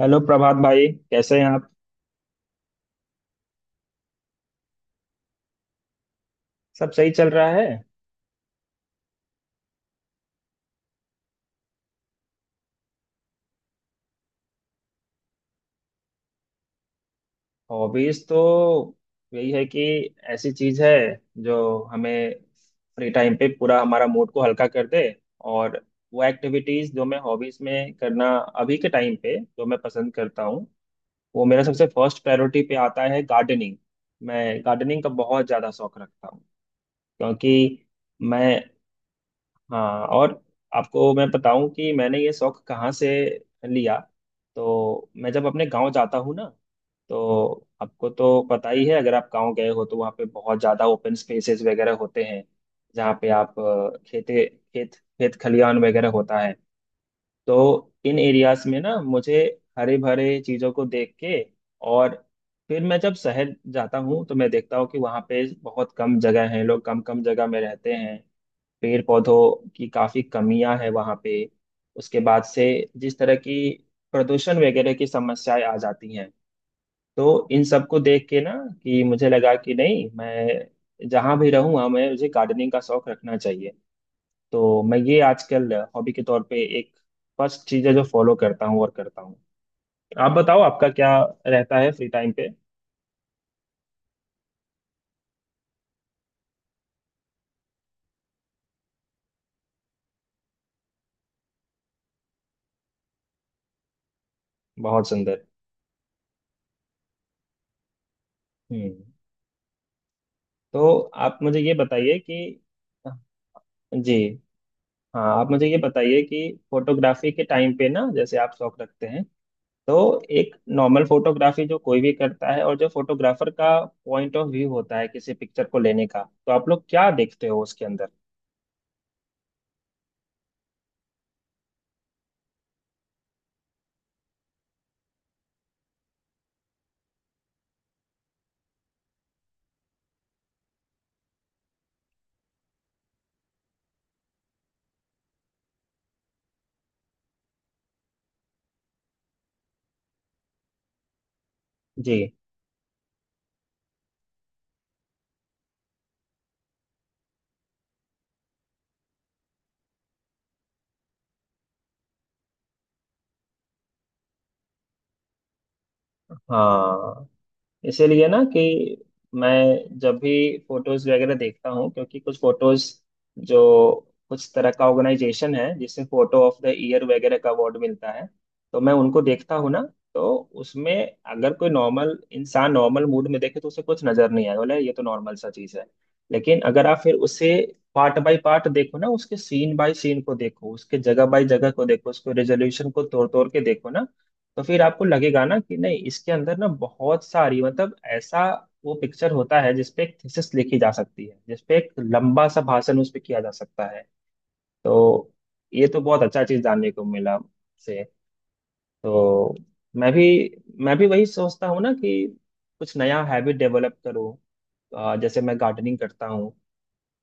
Hello Prabhat भाई, कैसे हैं आप। सब सही चल रहा है। हॉबीज तो यही है कि ऐसी चीज है जो हमें फ्री टाइम पे पूरा हमारा मूड को हल्का कर दे। और वो एक्टिविटीज जो मैं हॉबीज में करना अभी के टाइम पे जो मैं पसंद करता हूँ, वो मेरा सबसे फर्स्ट प्रायोरिटी पे आता है गार्डनिंग। मैं गार्डनिंग का बहुत ज्यादा शौक रखता हूँ। क्योंकि मैं, हाँ, और आपको मैं बताऊं कि मैंने ये शौक कहाँ से लिया। तो मैं जब अपने गांव जाता हूँ ना, तो आपको तो पता ही है, अगर आप गांव गए हो तो वहाँ पे बहुत ज़्यादा ओपन स्पेसेस वगैरह होते हैं, जहाँ पे आप खेते खेत खेत खलियान वगैरह होता है। तो इन एरियाज में ना मुझे हरे भरे चीज़ों को देख के, और फिर मैं जब शहर जाता हूँ तो मैं देखता हूँ कि वहाँ पे बहुत कम जगह है, लोग कम कम जगह में रहते हैं। पेड़ पौधों की काफी कमियां है वहां पे। उसके बाद से जिस तरह की प्रदूषण वगैरह की समस्याएं आ जाती हैं, तो इन सबको देख के ना कि मुझे लगा कि नहीं, मैं जहां भी रहूंगा, मैं मुझे गार्डनिंग का शौक रखना चाहिए। तो मैं ये आजकल हॉबी के तौर पे एक फर्स्ट चीज है जो फॉलो करता हूँ और करता हूँ। आप बताओ आपका क्या रहता है फ्री टाइम पे। बहुत सुंदर। हम्म। तो आप मुझे ये बताइए कि, हाँ, जी। हाँ आप मुझे ये बताइए कि फोटोग्राफी के टाइम पे ना जैसे आप शौक रखते हैं, तो एक नॉर्मल फोटोग्राफी जो कोई भी करता है, और जो फोटोग्राफर का पॉइंट ऑफ व्यू होता है किसी पिक्चर को लेने का, तो आप लोग क्या देखते हो उसके अंदर। जी। हाँ इसीलिए ना कि मैं जब भी फोटोज वगैरह देखता हूँ, क्योंकि कुछ फोटोज जो कुछ तरह का ऑर्गेनाइजेशन है जिसे फोटो ऑफ द ईयर वगैरह का अवार्ड मिलता है, तो मैं उनको देखता हूँ ना, तो उसमें अगर कोई नॉर्मल इंसान नॉर्मल मूड में देखे तो उसे कुछ नजर नहीं आएगा, बोले ये तो नॉर्मल सा चीज है। लेकिन अगर आप फिर उसे पार्ट बाय पार्ट देखो ना, उसके सीन बाय सीन को देखो, उसके जगह बाय जगह को देखो, उसके रेजोल्यूशन को तोड़ तोड़ के देखो ना, तो फिर आपको लगेगा ना कि नहीं, इसके अंदर ना बहुत सारी, मतलब ऐसा वो पिक्चर होता है जिसपे एक थीसिस लिखी जा सकती है, जिसपे एक लंबा सा भाषण उस पे किया जा सकता है। तो ये तो बहुत अच्छा चीज जानने को मिला से। तो मैं भी मैं भी वही सोचता हूँ ना कि कुछ नया हैबिट डेवलप करूँ। जैसे मैं गार्डनिंग करता हूँ,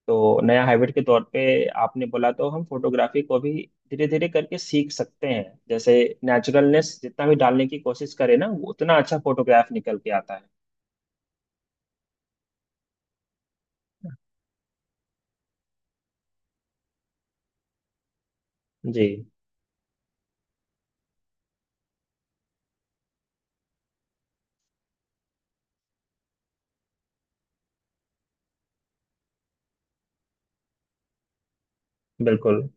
तो नया हैबिट के तौर पे आपने बोला तो हम फोटोग्राफी को भी धीरे धीरे करके सीख सकते हैं। जैसे नेचुरलनेस जितना भी डालने की कोशिश करें ना, वो उतना अच्छा फोटोग्राफ निकल के आता है। जी। बिल्कुल।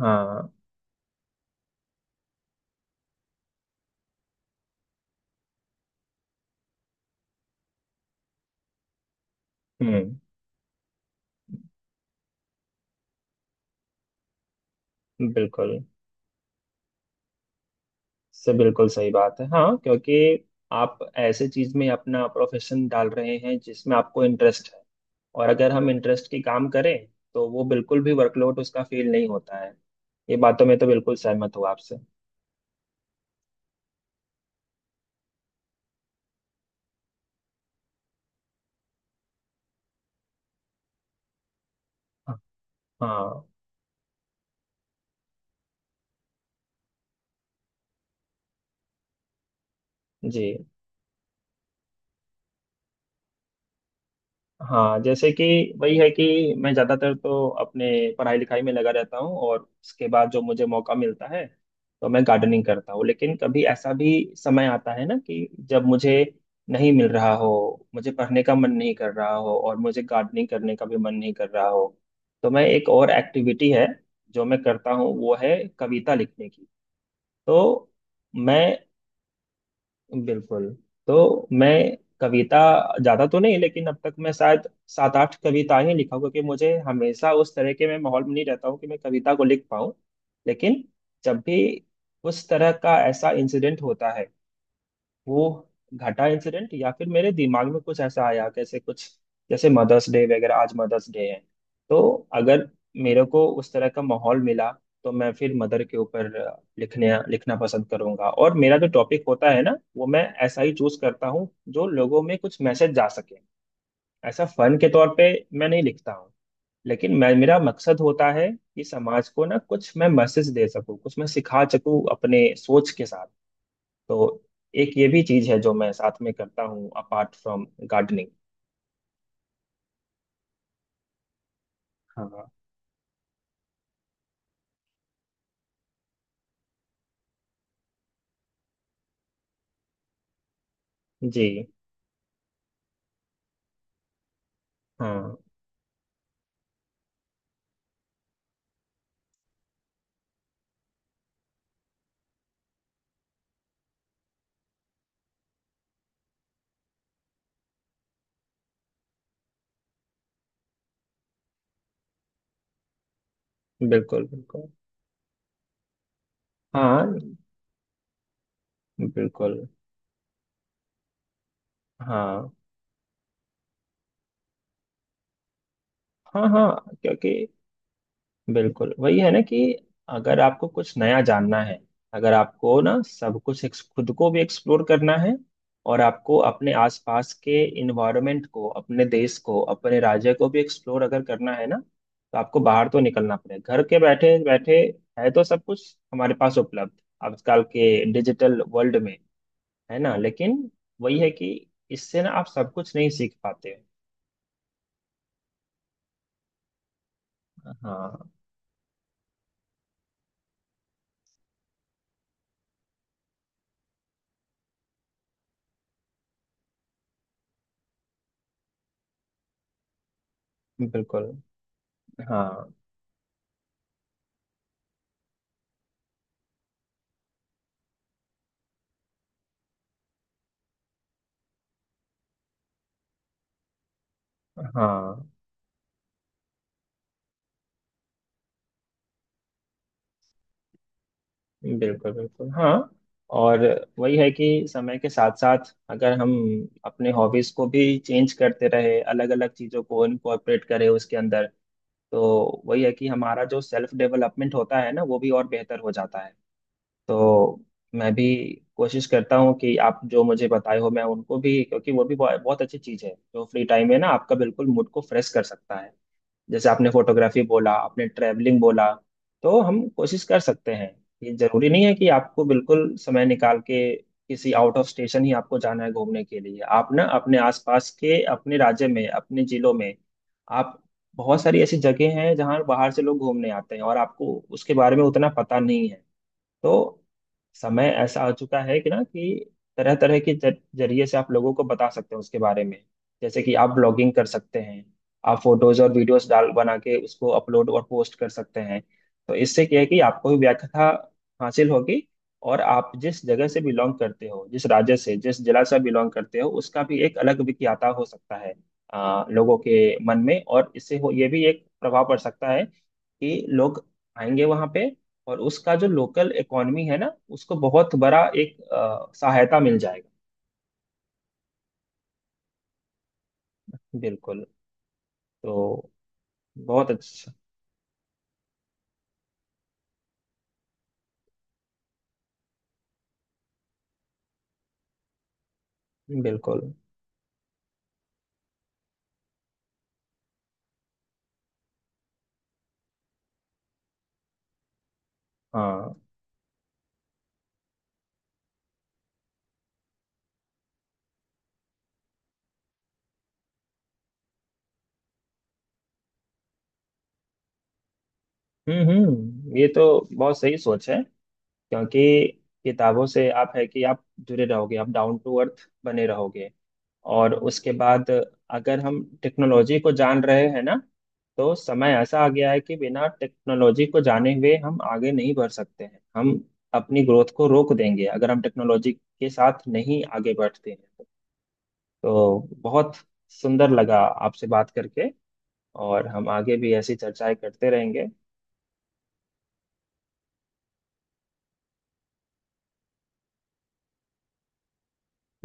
हाँ। हम्म। बिल्कुल से बिल्कुल सही बात है, हाँ, क्योंकि आप ऐसे चीज में अपना प्रोफेशन डाल रहे हैं जिसमें आपको इंटरेस्ट है। और अगर हम इंटरेस्ट की काम करें, तो वो बिल्कुल भी वर्कलोड उसका फील नहीं होता है। ये बातों में तो बिल्कुल सहमत हूँ आपसे। हाँ। जी। हाँ जैसे कि, वही है कि मैं ज़्यादातर तो अपने पढ़ाई लिखाई में लगा रहता हूँ, और उसके बाद जो मुझे मौका मिलता है तो मैं गार्डनिंग करता हूँ। लेकिन कभी ऐसा भी समय आता है ना कि जब मुझे नहीं मिल रहा हो, मुझे पढ़ने का मन नहीं कर रहा हो और मुझे गार्डनिंग करने का भी मन नहीं कर रहा हो, तो मैं एक और एक्टिविटी है जो मैं करता हूँ, वो है कविता लिखने की। तो मैं, बिल्कुल, तो मैं कविता ज्यादा तो नहीं, लेकिन अब तक मैं शायद 7-8 कविताएं ही लिखा हूं, क्योंकि मुझे हमेशा उस तरह के मैं माहौल में नहीं रहता हूँ कि मैं कविता को लिख पाऊँ। लेकिन जब भी उस तरह का ऐसा इंसिडेंट होता है, वो घटा इंसिडेंट, या फिर मेरे दिमाग में कुछ ऐसा आया कैसे कुछ, जैसे मदर्स डे वगैरह, आज मदर्स डे है, तो अगर मेरे को उस तरह का माहौल मिला तो मैं फिर मदर के ऊपर लिखने लिखना पसंद करूंगा। और मेरा जो टॉपिक होता है ना, वो मैं ऐसा ही चूज करता हूँ जो लोगों में कुछ मैसेज जा सके। ऐसा फन के तौर पे मैं नहीं लिखता हूँ, लेकिन मैं, मेरा मकसद होता है कि समाज को ना कुछ मैं मैसेज दे सकूं, कुछ मैं सिखा सकूं अपने सोच के साथ। तो एक ये भी चीज है जो मैं साथ में करता हूँ अपार्ट फ्रॉम गार्डनिंग। हाँ। जी। हाँ। बिल्कुल बिल्कुल। हाँ। बिल्कुल। हाँ हाँ हाँ, क्योंकि बिल्कुल वही है ना कि अगर आपको कुछ नया जानना है, अगर आपको ना सब कुछ खुद को भी एक्सप्लोर करना है, और आपको अपने आसपास के इन्वायरमेंट को, अपने देश को, अपने राज्य को भी एक्सप्लोर अगर करना है ना, तो आपको बाहर तो निकलना पड़ेगा। घर के बैठे बैठे है तो सब कुछ हमारे पास उपलब्ध, आजकल के डिजिटल वर्ल्ड में है ना, लेकिन वही है कि इससे ना आप सब कुछ नहीं सीख पाते। हाँ। बिल्कुल। हाँ। हाँ। बिल्कुल बिल्कुल। हाँ और वही है कि समय के साथ साथ अगर हम अपने हॉबीज को भी चेंज करते रहे, अलग अलग चीजों को इनकॉर्पोरेट करें उसके अंदर, तो वही है कि हमारा जो सेल्फ डेवलपमेंट होता है ना, वो भी और बेहतर हो जाता है। तो मैं भी कोशिश करता हूँ कि आप जो मुझे बताए हो मैं उनको भी, क्योंकि वो भी बहुत बहुत अच्छी चीज है जो फ्री टाइम है ना आपका बिल्कुल मूड को फ्रेश कर सकता है। जैसे आपने फोटोग्राफी बोला, आपने ट्रैवलिंग बोला, तो हम कोशिश कर सकते हैं। ये जरूरी नहीं है कि आपको बिल्कुल समय निकाल के किसी आउट ऑफ स्टेशन ही आपको जाना है घूमने के लिए। आप ना अपने आसपास के, अपने राज्य में, अपने जिलों में आप, बहुत सारी ऐसी जगह हैं जहाँ बाहर से लोग घूमने आते हैं और आपको उसके बारे में उतना पता नहीं है। तो समय ऐसा आ चुका है कि ना कि तरह तरह के जरिए से आप लोगों को बता सकते हो उसके बारे में। जैसे कि आप ब्लॉगिंग कर सकते हैं, आप फोटोज और वीडियोस डाल बना के उसको अपलोड और पोस्ट कर सकते हैं। तो इससे क्या है कि आपको भी व्याख्या हासिल होगी। और आप जिस जगह से बिलोंग करते हो, जिस राज्य से जिस जिला से बिलोंग करते हो, उसका भी एक अलग विख्याता हो सकता है लोगों के मन में, और इससे हो ये भी एक प्रभाव पड़ सकता है कि लोग आएंगे वहां पे, और उसका जो लोकल इकोनॉमी है ना, उसको बहुत बड़ा एक सहायता मिल जाएगा। बिल्कुल। तो बहुत अच्छा। बिल्कुल। हाँ। हम्म, ये तो बहुत सही सोच है। क्योंकि किताबों से आप है कि आप जुड़े रहोगे, आप डाउन टू अर्थ बने रहोगे। और उसके बाद अगर हम टेक्नोलॉजी को जान रहे हैं ना, तो समय ऐसा आ गया है कि बिना टेक्नोलॉजी को जाने हुए हम आगे नहीं बढ़ सकते हैं। हम अपनी ग्रोथ को रोक देंगे अगर हम टेक्नोलॉजी के साथ नहीं आगे बढ़ते हैं। तो बहुत सुंदर लगा आपसे बात करके, और हम आगे भी ऐसी चर्चाएं करते रहेंगे।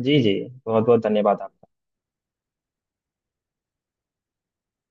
जी जी, बहुत बहुत धन्यवाद आपका।